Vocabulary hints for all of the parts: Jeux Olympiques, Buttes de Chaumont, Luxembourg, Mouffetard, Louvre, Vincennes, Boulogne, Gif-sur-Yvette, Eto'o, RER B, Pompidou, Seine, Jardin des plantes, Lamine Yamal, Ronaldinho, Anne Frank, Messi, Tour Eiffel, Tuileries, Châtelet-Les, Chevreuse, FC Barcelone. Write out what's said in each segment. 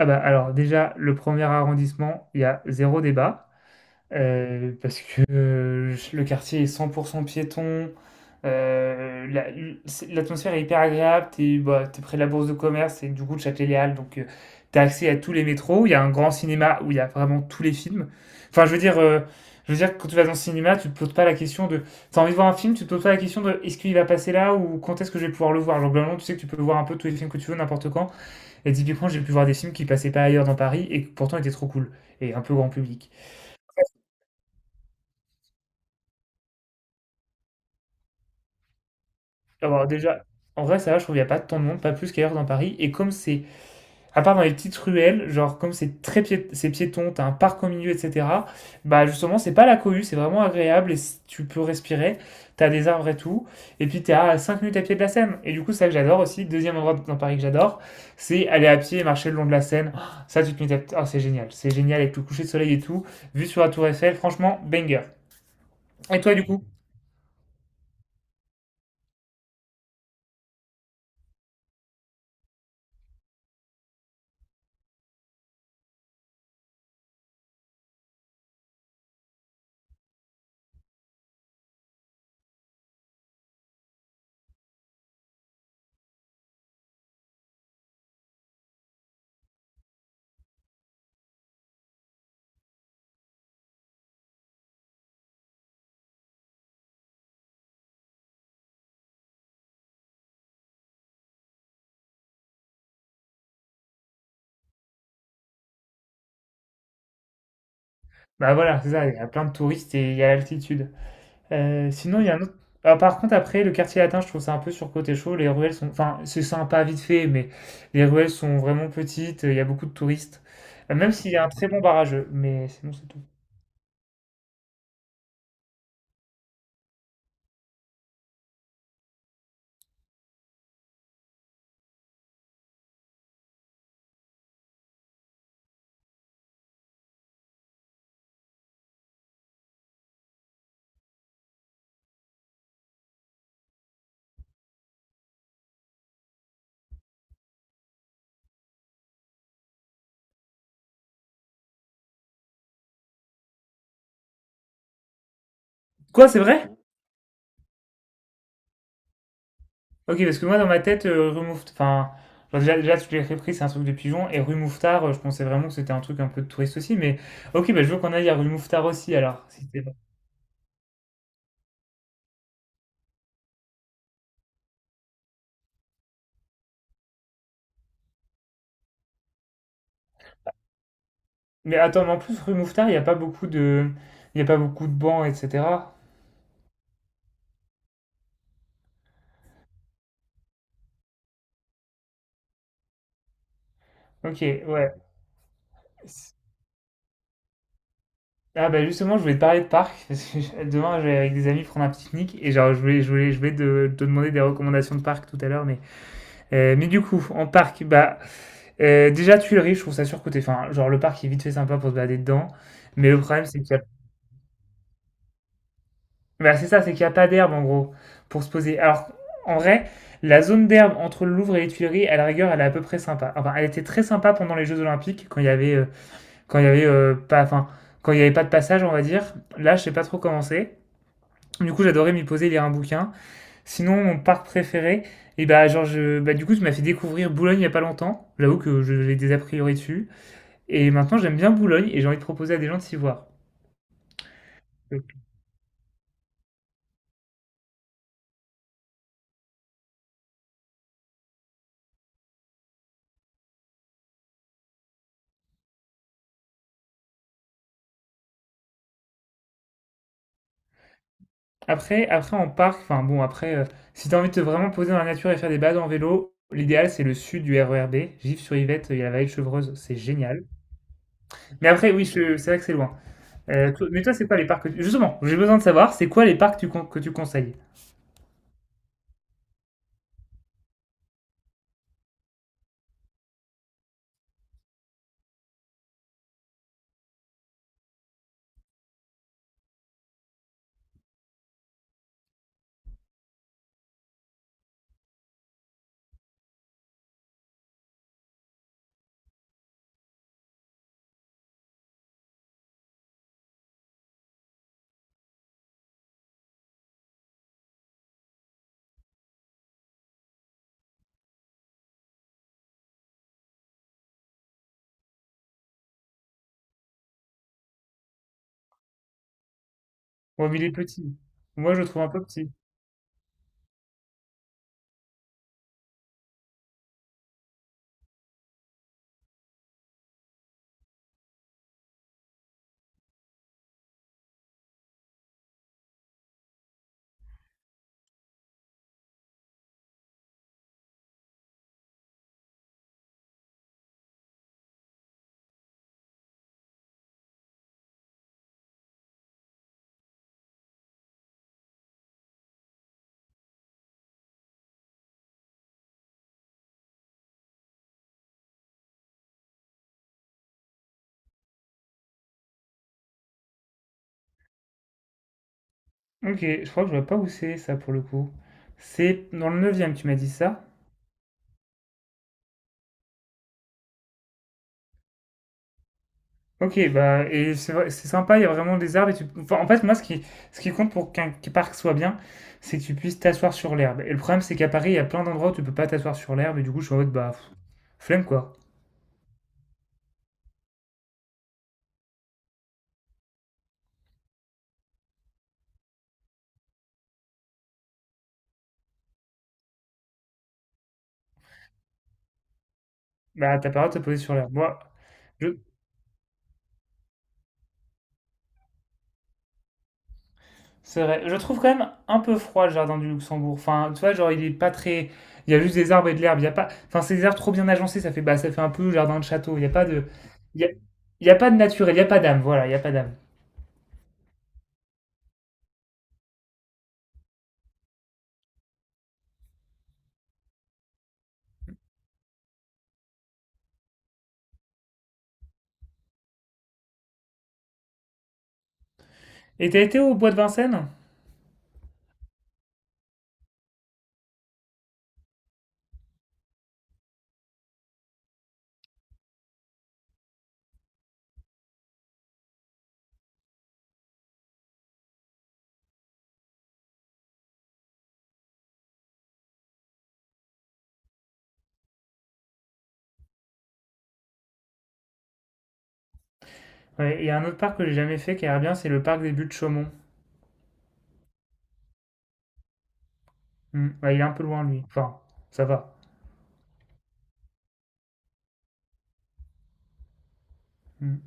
Ah bah, alors déjà, le premier arrondissement, il y a zéro débat, parce que le quartier est 100% piéton, euh, la- l'atmosphère est hyper agréable, t'es près de la bourse de commerce et du coup de Châtelet-Les donc t'as accès à tous les métros, il y a un grand cinéma où il y a vraiment tous les films. Enfin, je veux dire que quand tu vas dans le cinéma, tu te poses pas la question de. T'as envie de voir un film, tu te poses pas la question de est-ce qu'il va passer là ou quand est-ce que je vais pouvoir le voir. Genre, globalement, tu sais que tu peux voir un peu tous les films que tu veux, n'importe quand. Et typiquement, j'ai pu voir des films qui passaient pas ailleurs dans Paris et qui pourtant étaient trop cool et un peu grand public. Alors déjà, en vrai, ça va, je trouve qu'il y a pas tant de monde, pas plus qu'ailleurs dans Paris. Et comme c'est, à part dans les petites ruelles, genre comme c'est c'est piéton, t'as un parc au milieu, etc. Bah justement, c'est pas la cohue, c'est vraiment agréable et tu peux respirer. T'as des arbres et tout. Et puis t'es à 5 minutes à pied de la Seine. Et du coup, c'est ça que j'adore aussi. Deuxième endroit dans Paris que j'adore, c'est aller à pied et marcher le long de la Seine. Ah, ça, tu te mets à. Oh, c'est génial. C'est génial avec le coucher de soleil et tout. Vue sur la Tour Eiffel, franchement, banger. Et toi, du coup? Bah voilà, c'est ça, il y a plein de touristes et il y a l'altitude. Sinon, il y a un autre. Ah, par contre, après, le quartier latin, je trouve ça un peu surcoté chaud. Les ruelles sont. Enfin, c'est sympa vite fait, mais les ruelles sont vraiment petites, il y a beaucoup de touristes. Même s'il y a un très bon barrageux, mais sinon, c'est tout. Quoi, c'est vrai? Ok, parce que moi, dans ma tête, rue Mouffetard. Enfin, genre, déjà, tu l'as repris, c'est un truc de pigeon. Et rue Mouffetard, je pensais vraiment que c'était un truc un peu de touriste aussi, mais ok, bah, je veux qu'on aille à rue Mouffetard aussi, alors. Si Mais attends, mais en plus, rue Mouffetard, il n'y a pas beaucoup de. Il y a pas beaucoup de bancs, etc. Ok, ouais. Ah bah justement, je voulais te parler de parc, parce que demain, je vais avec des amis prendre un pique-nique, et genre, te demander des recommandations de parc tout à l'heure, mais. Mais du coup, en parc, bah. Déjà, Tuileries, je trouve ça surcoté. Enfin, genre, le parc est vite fait sympa pour se balader dedans, mais le problème, c'est qu'il y a. Bah, c'est ça, c'est qu'il n'y a pas d'herbe en gros pour se poser. Alors en vrai, la zone d'herbe entre le Louvre et les Tuileries, à la rigueur, elle est à peu près sympa. Enfin, elle était très sympa pendant les Jeux Olympiques quand il y avait quand il y avait pas, enfin quand il y avait pas de passage, on va dire. Là, je sais pas trop comment c'est. Du coup, j'adorais m'y poser, lire un bouquin. Sinon, mon parc préféré, et bah, genre, bah, du coup, tu m'as fait découvrir Boulogne il y a pas longtemps. J'avoue que j'ai des a priori dessus. Et maintenant, j'aime bien Boulogne et j'ai envie de proposer à des gens de s'y voir. Euh, après, en parc, enfin bon, après, si t'as envie de te vraiment poser dans la nature et faire des balades en vélo, l'idéal c'est le sud du RER B, Gif-sur-Yvette, il y a la vallée de Chevreuse, c'est génial. Mais après, oui, c'est vrai que c'est loin. Mais toi, c'est quoi les parcs que justement, j'ai besoin de savoir, c'est quoi les parcs que tu conseilles? Bon, mais il est petit. Moi, je le trouve un peu petit. Ok, je crois que je vois pas où c'est ça pour le coup. C'est dans le neuvième, tu m'as dit ça? Ok, bah, et c'est sympa, il y a vraiment des arbres. Et tu. Enfin, en fait, moi, ce qui compte pour qu'un parc soit bien, c'est que tu puisses t'asseoir sur l'herbe. Et le problème, c'est qu'à Paris, il y a plein d'endroits où tu peux pas t'asseoir sur l'herbe, et du coup, je suis en mode, bah, pff, flemme quoi. Bah, t'as pas le droit de te poser sur l'herbe. Moi, je. C'est vrai. Je trouve quand même un peu froid le jardin du Luxembourg. Enfin, tu vois, genre, il est pas très. Il y a juste des arbres et de l'herbe. Il y a pas. Enfin, c'est des arbres trop bien agencés. Ça fait, bah, ça fait un peu jardin de château. Il y a pas de. Il y a, il y a pas de naturel. Il y a pas d'âme. Voilà, il y a pas d'âme. Et t'as été au bois de Vincennes? Ouais. Il y a un autre parc que j'ai jamais fait qui a l'air bien. C'est le parc des Buttes de Chaumont. Hmm. Ouais, il est un peu loin, lui. Enfin, ça va. Hmm.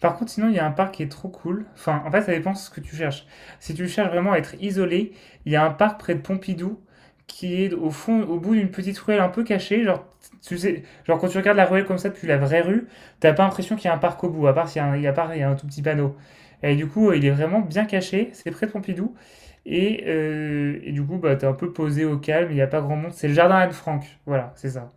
Par contre, sinon, il y a un parc qui est trop cool. Enfin, en fait, ça dépend de ce que tu cherches. Si tu cherches vraiment à être isolé, il y a un parc près de Pompidou qui est au fond, au bout d'une petite ruelle un peu cachée. Genre, tu sais, genre quand tu regardes la ruelle comme ça depuis la vraie rue, t'as pas l'impression qu'il y a un parc au bout, à part s'il y a un, à part il y a un tout petit panneau. Et du coup, il est vraiment bien caché. C'est près de Pompidou. Et, et du coup, bah, t'es un peu posé au calme. Il n'y a pas grand monde. C'est le jardin Anne Frank. Voilà, c'est ça.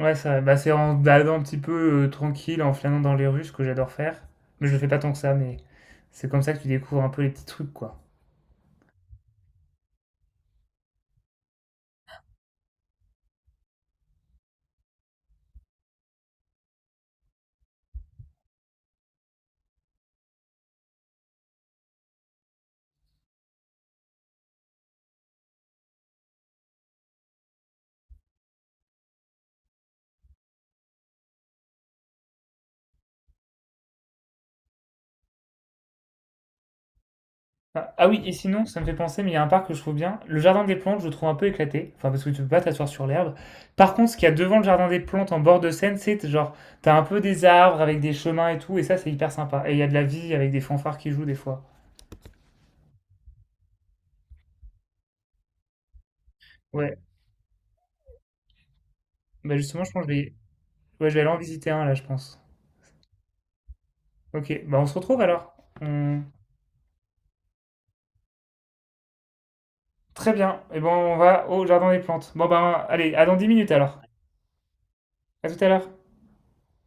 Ouais, ça, bah, c'est en se baladant un petit peu tranquille, en flânant dans les rues, ce que j'adore faire. Mais je le fais pas tant que ça, mais c'est comme ça que tu découvres un peu les petits trucs, quoi. Ah, oui, et sinon, ça me fait penser, mais il y a un parc que je trouve bien. Le jardin des plantes, je le trouve un peu éclaté. Enfin, parce que tu peux pas t'asseoir sur l'herbe. Par contre, ce qu'il y a devant le jardin des plantes, en bord de Seine, c'est genre, t'as un peu des arbres avec des chemins et tout, et ça, c'est hyper sympa. Et il y a de la vie avec des fanfares qui jouent des fois. Ouais, bah justement, je pense que je vais, ouais, je vais aller en visiter un, là, je pense. Ok, bah on se retrouve alors. On- Très bien. Et bon, on va au jardin des plantes. Bon, ben, allez, à dans 10 minutes alors. À tout à l'heure.